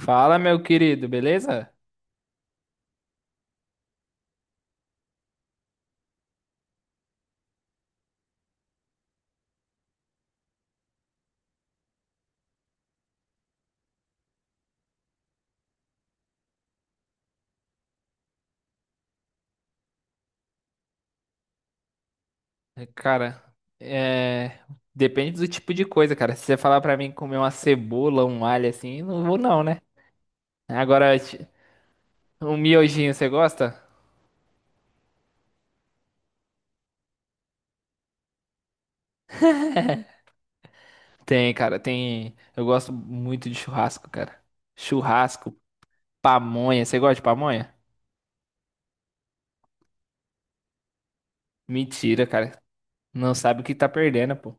Fala, meu querido, beleza? Cara, é... depende do tipo de coisa, cara. Se você falar pra mim comer uma cebola, um alho assim, não vou não, né? Agora, um miojinho, você gosta? Tem, cara, tem. Eu gosto muito de churrasco, cara. Churrasco, pamonha. Você gosta de pamonha? Mentira, cara. Não sabe o que tá perdendo, pô.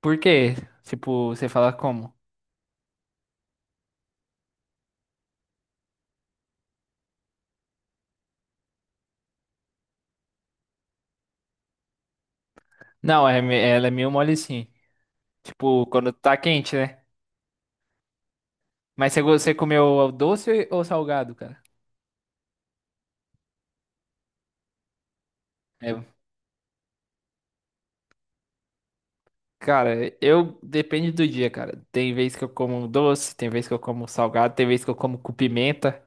Por quê? Tipo, você fala como? Não, é, ela é meio mole sim. Tipo, quando tá quente, né? Mas você, você comeu doce ou salgado, cara? É, cara, eu depende do dia, cara. Tem vez que eu como doce, tem vez que eu como salgado, tem vez que eu como com pimenta,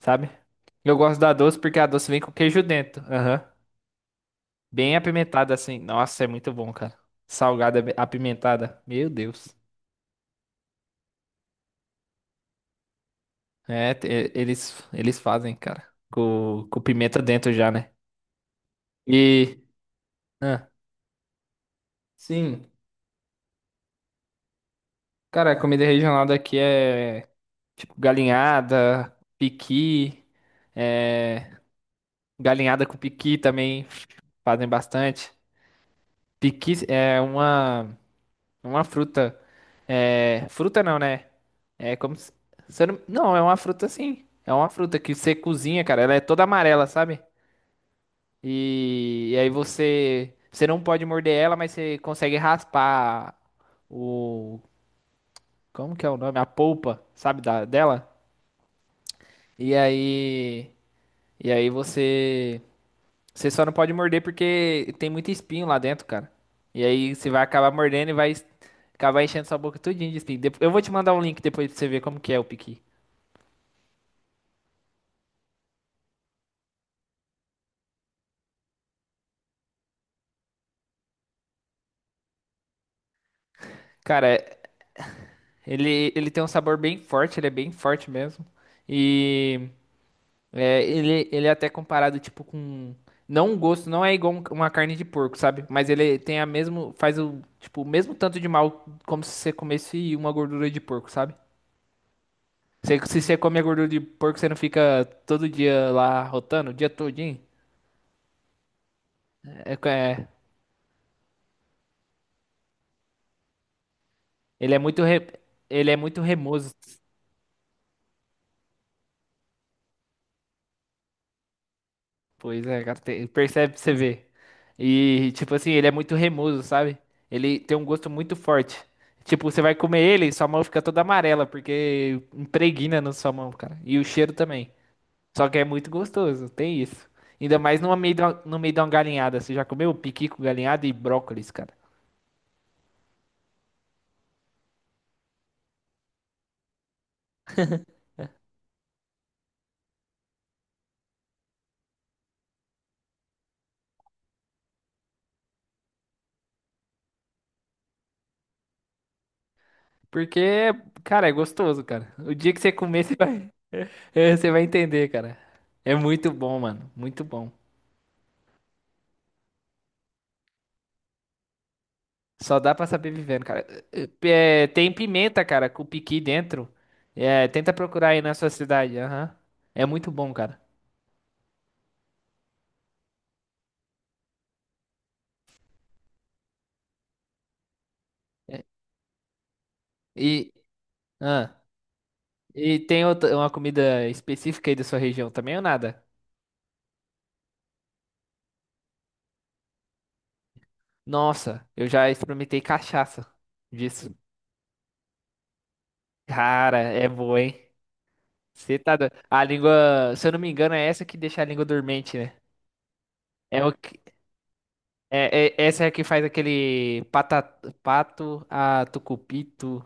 sabe? Eu gosto da doce porque a doce vem com queijo dentro. Aham. Bem apimentada assim. Nossa, é muito bom, cara. Salgada apimentada. Meu Deus. É, é, eles fazem, cara. Com pimenta dentro já, né? E ah, sim. Cara, a comida regional daqui é tipo galinhada, piqui, é. Galinhada com piqui também fazem bastante. Piqui é uma fruta. É, fruta não, né? É como se. Se eu não, não, é uma fruta sim. É uma fruta que você cozinha, cara. Ela é toda amarela, sabe? E aí você. Você não pode morder ela, mas você consegue raspar o. Como que é o nome? A polpa, sabe? Da, dela. E aí. E aí você. Você só não pode morder porque tem muito espinho lá dentro, cara. E aí você vai acabar mordendo e vai acabar enchendo sua boca tudinho de espinho. Eu vou te mandar um link depois pra você ver como que é o piqui. Cara, ele tem um sabor bem forte, ele é bem forte mesmo. E é, ele é até comparado, tipo, com... Não um gosto, não é igual uma carne de porco, sabe? Mas ele tem a mesmo, faz o, tipo, o mesmo tanto de mal como se você comesse uma gordura de porco, sabe? Se você come a gordura de porco, você não fica todo dia lá rotando, o dia todinho? É, ele é muito ele é muito remoso. Pois é, cara, percebe, pra você vê. E tipo assim, ele é muito remoso, sabe? Ele tem um gosto muito forte. Tipo, você vai comer ele, sua mão fica toda amarela porque impregna na sua mão, cara. E o cheiro também. Só que é muito gostoso, tem isso. Ainda mais no meio no meio de uma galinhada. Você já comeu piqui com galinhada e brócolis, cara? Porque, cara, é gostoso, cara. O dia que você comer, você vai, é, você vai entender, cara. É muito bom, mano. Muito bom. Só dá pra saber vivendo, cara. É, tem pimenta, cara, com piqui dentro. É, tenta procurar aí na sua cidade. Aham. É muito bom, cara. É, E, ah, e tem outra, uma comida específica aí da sua região também ou nada? Nossa, eu já experimentei cachaça disso. Cara, é boa, hein? Você tá do... A língua, se eu não me engano, é essa que deixa a língua dormente, né? É o que... é, essa é a que faz aquele pata... pato a tucupito.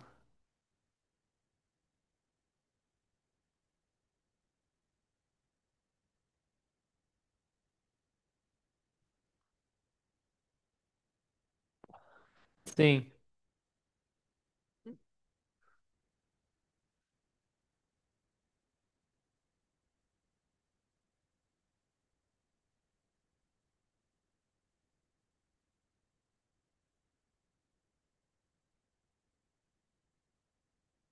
Sim,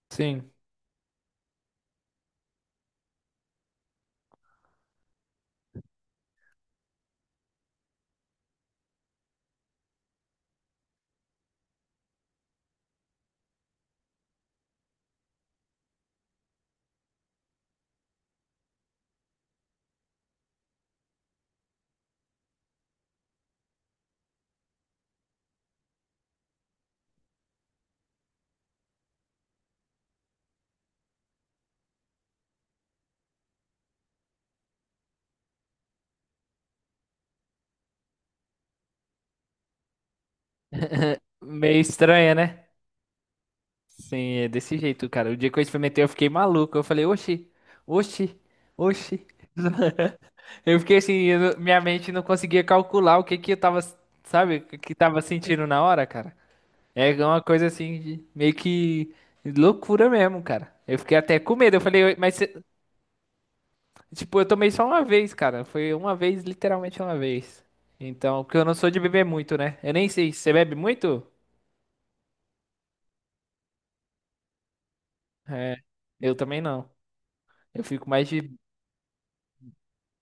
sim. Meio estranha, né? Sim, é desse jeito, cara. O dia que eu experimentei, eu fiquei maluco. Eu falei, oxi, oxi, oxi. Eu fiquei assim, eu não- minha mente não conseguia calcular o que que eu tava, sabe, o que que tava sentindo na hora, cara. É uma coisa assim, meio que loucura mesmo, cara. Eu fiquei até com medo. Eu falei, mas, tipo, eu tomei só uma vez, cara. Foi uma vez, literalmente uma vez. Então, porque eu não sou de beber muito, né? Eu nem sei, você bebe muito? É, eu também não. Eu fico mais de.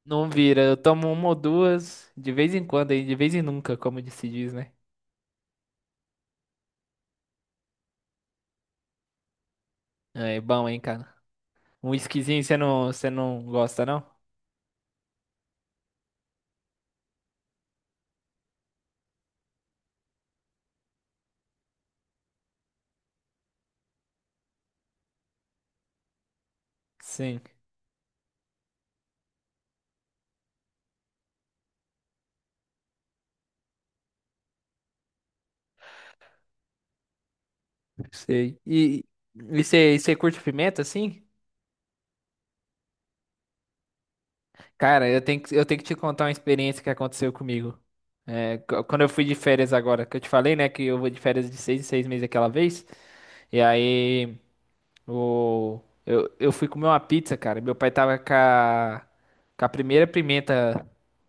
Não vira. Eu tomo uma ou duas de vez em quando, aí, de vez em nunca, como se diz, né? É bom, hein, cara. Um whiskyzinho você não gosta, não? Sim, sei. E você curte pimenta, assim? Cara, eu tenho que te contar uma experiência que aconteceu comigo. É, quando eu fui de férias agora, que eu te falei, né, que eu vou de férias de seis em seis meses aquela vez. E aí, eu fui comer uma pizza, cara. Meu pai tava com com a primeira pimenta,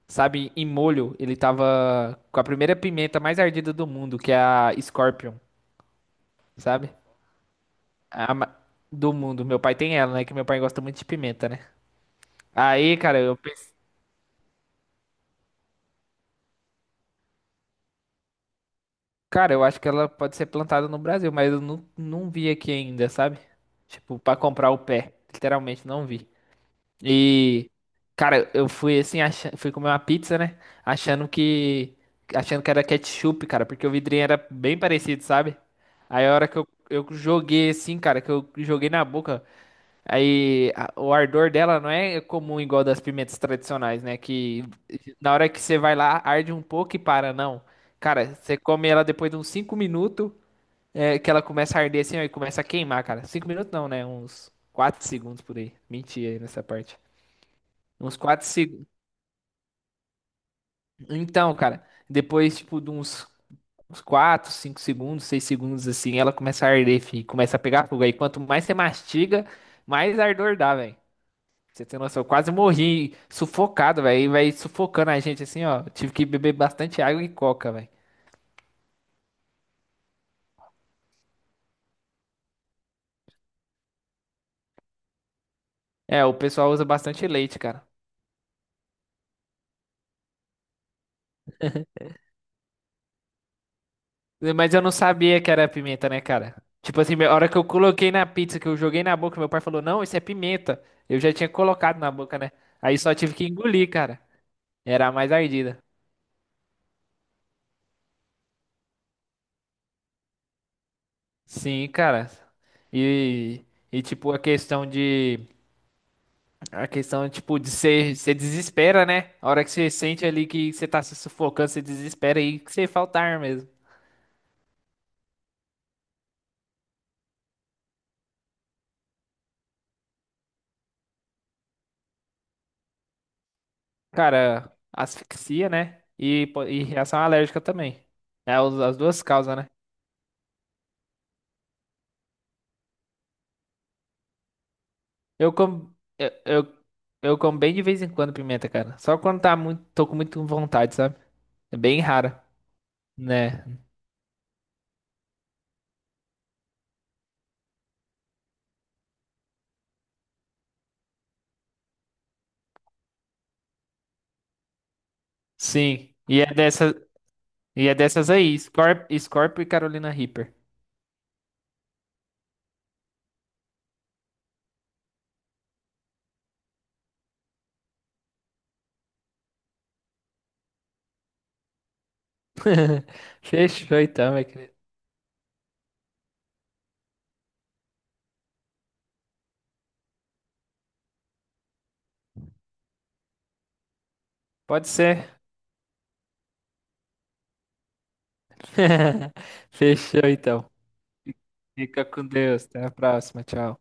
sabe, em molho. Ele tava com a primeira pimenta mais ardida do mundo, que é a Scorpion, sabe? A ma- do mundo. Meu pai tem ela, né? Que meu pai gosta muito de pimenta, né? Aí, cara, eu acho que ela pode ser plantada no Brasil, mas eu não, não vi aqui ainda, sabe? Tipo, pra comprar o pé. Literalmente não vi. E, cara, eu fui assim, achando, fui comer uma pizza, né? Achando que. Achando que era ketchup, cara, porque o vidrinho era bem parecido, sabe? Aí a hora que eu joguei assim, cara, que eu joguei na boca. O ardor dela não é comum igual das pimentas tradicionais, né? Que na hora que você vai lá, arde um pouco e para, não. Cara, você come ela depois de uns 5 minutos, é, que ela começa a arder assim, ó, e começa a queimar, cara. 5 minutos não, né? Uns 4 segundos por aí. Menti aí nessa parte. Uns 4 segundos. Então, cara, depois, tipo, uns 4, 5 segundos, 6 segundos assim, ela começa a arder, fi, começa a pegar fogo. Aí quanto mais você mastiga, mais ardor dá, velho. Você tem noção, eu quase morri sufocado, velho. E vai sufocando a gente assim, ó. Tive que beber bastante água e coca, velho. É, o pessoal usa bastante leite, cara. Mas eu não sabia que era pimenta, né, cara? Tipo assim, a hora que eu coloquei na pizza, que eu joguei na boca, meu pai falou: Não, isso é pimenta. Eu já tinha colocado na boca, né? Aí só tive que engolir, cara. Era a mais ardida. Sim, cara. E, a questão de. A questão, tipo, de ser, você desespera, né? A hora que você sente ali que você tá se sufocando, você desespera e que você falta ar mesmo. Cara, asfixia, né? E, e reação alérgica também. É, as duas causas, né? Eu como, eu, eu, eu como bem de vez em quando pimenta, cara. Só quando tá muito, tô com muito vontade, sabe? É bem rara, né? Sim. E é dessas aí, Scorp, Scorpio e Carolina Reaper. Fechou então, meu querido. Pode ser. Fechou então. Fica com Deus. Até a próxima. Tchau.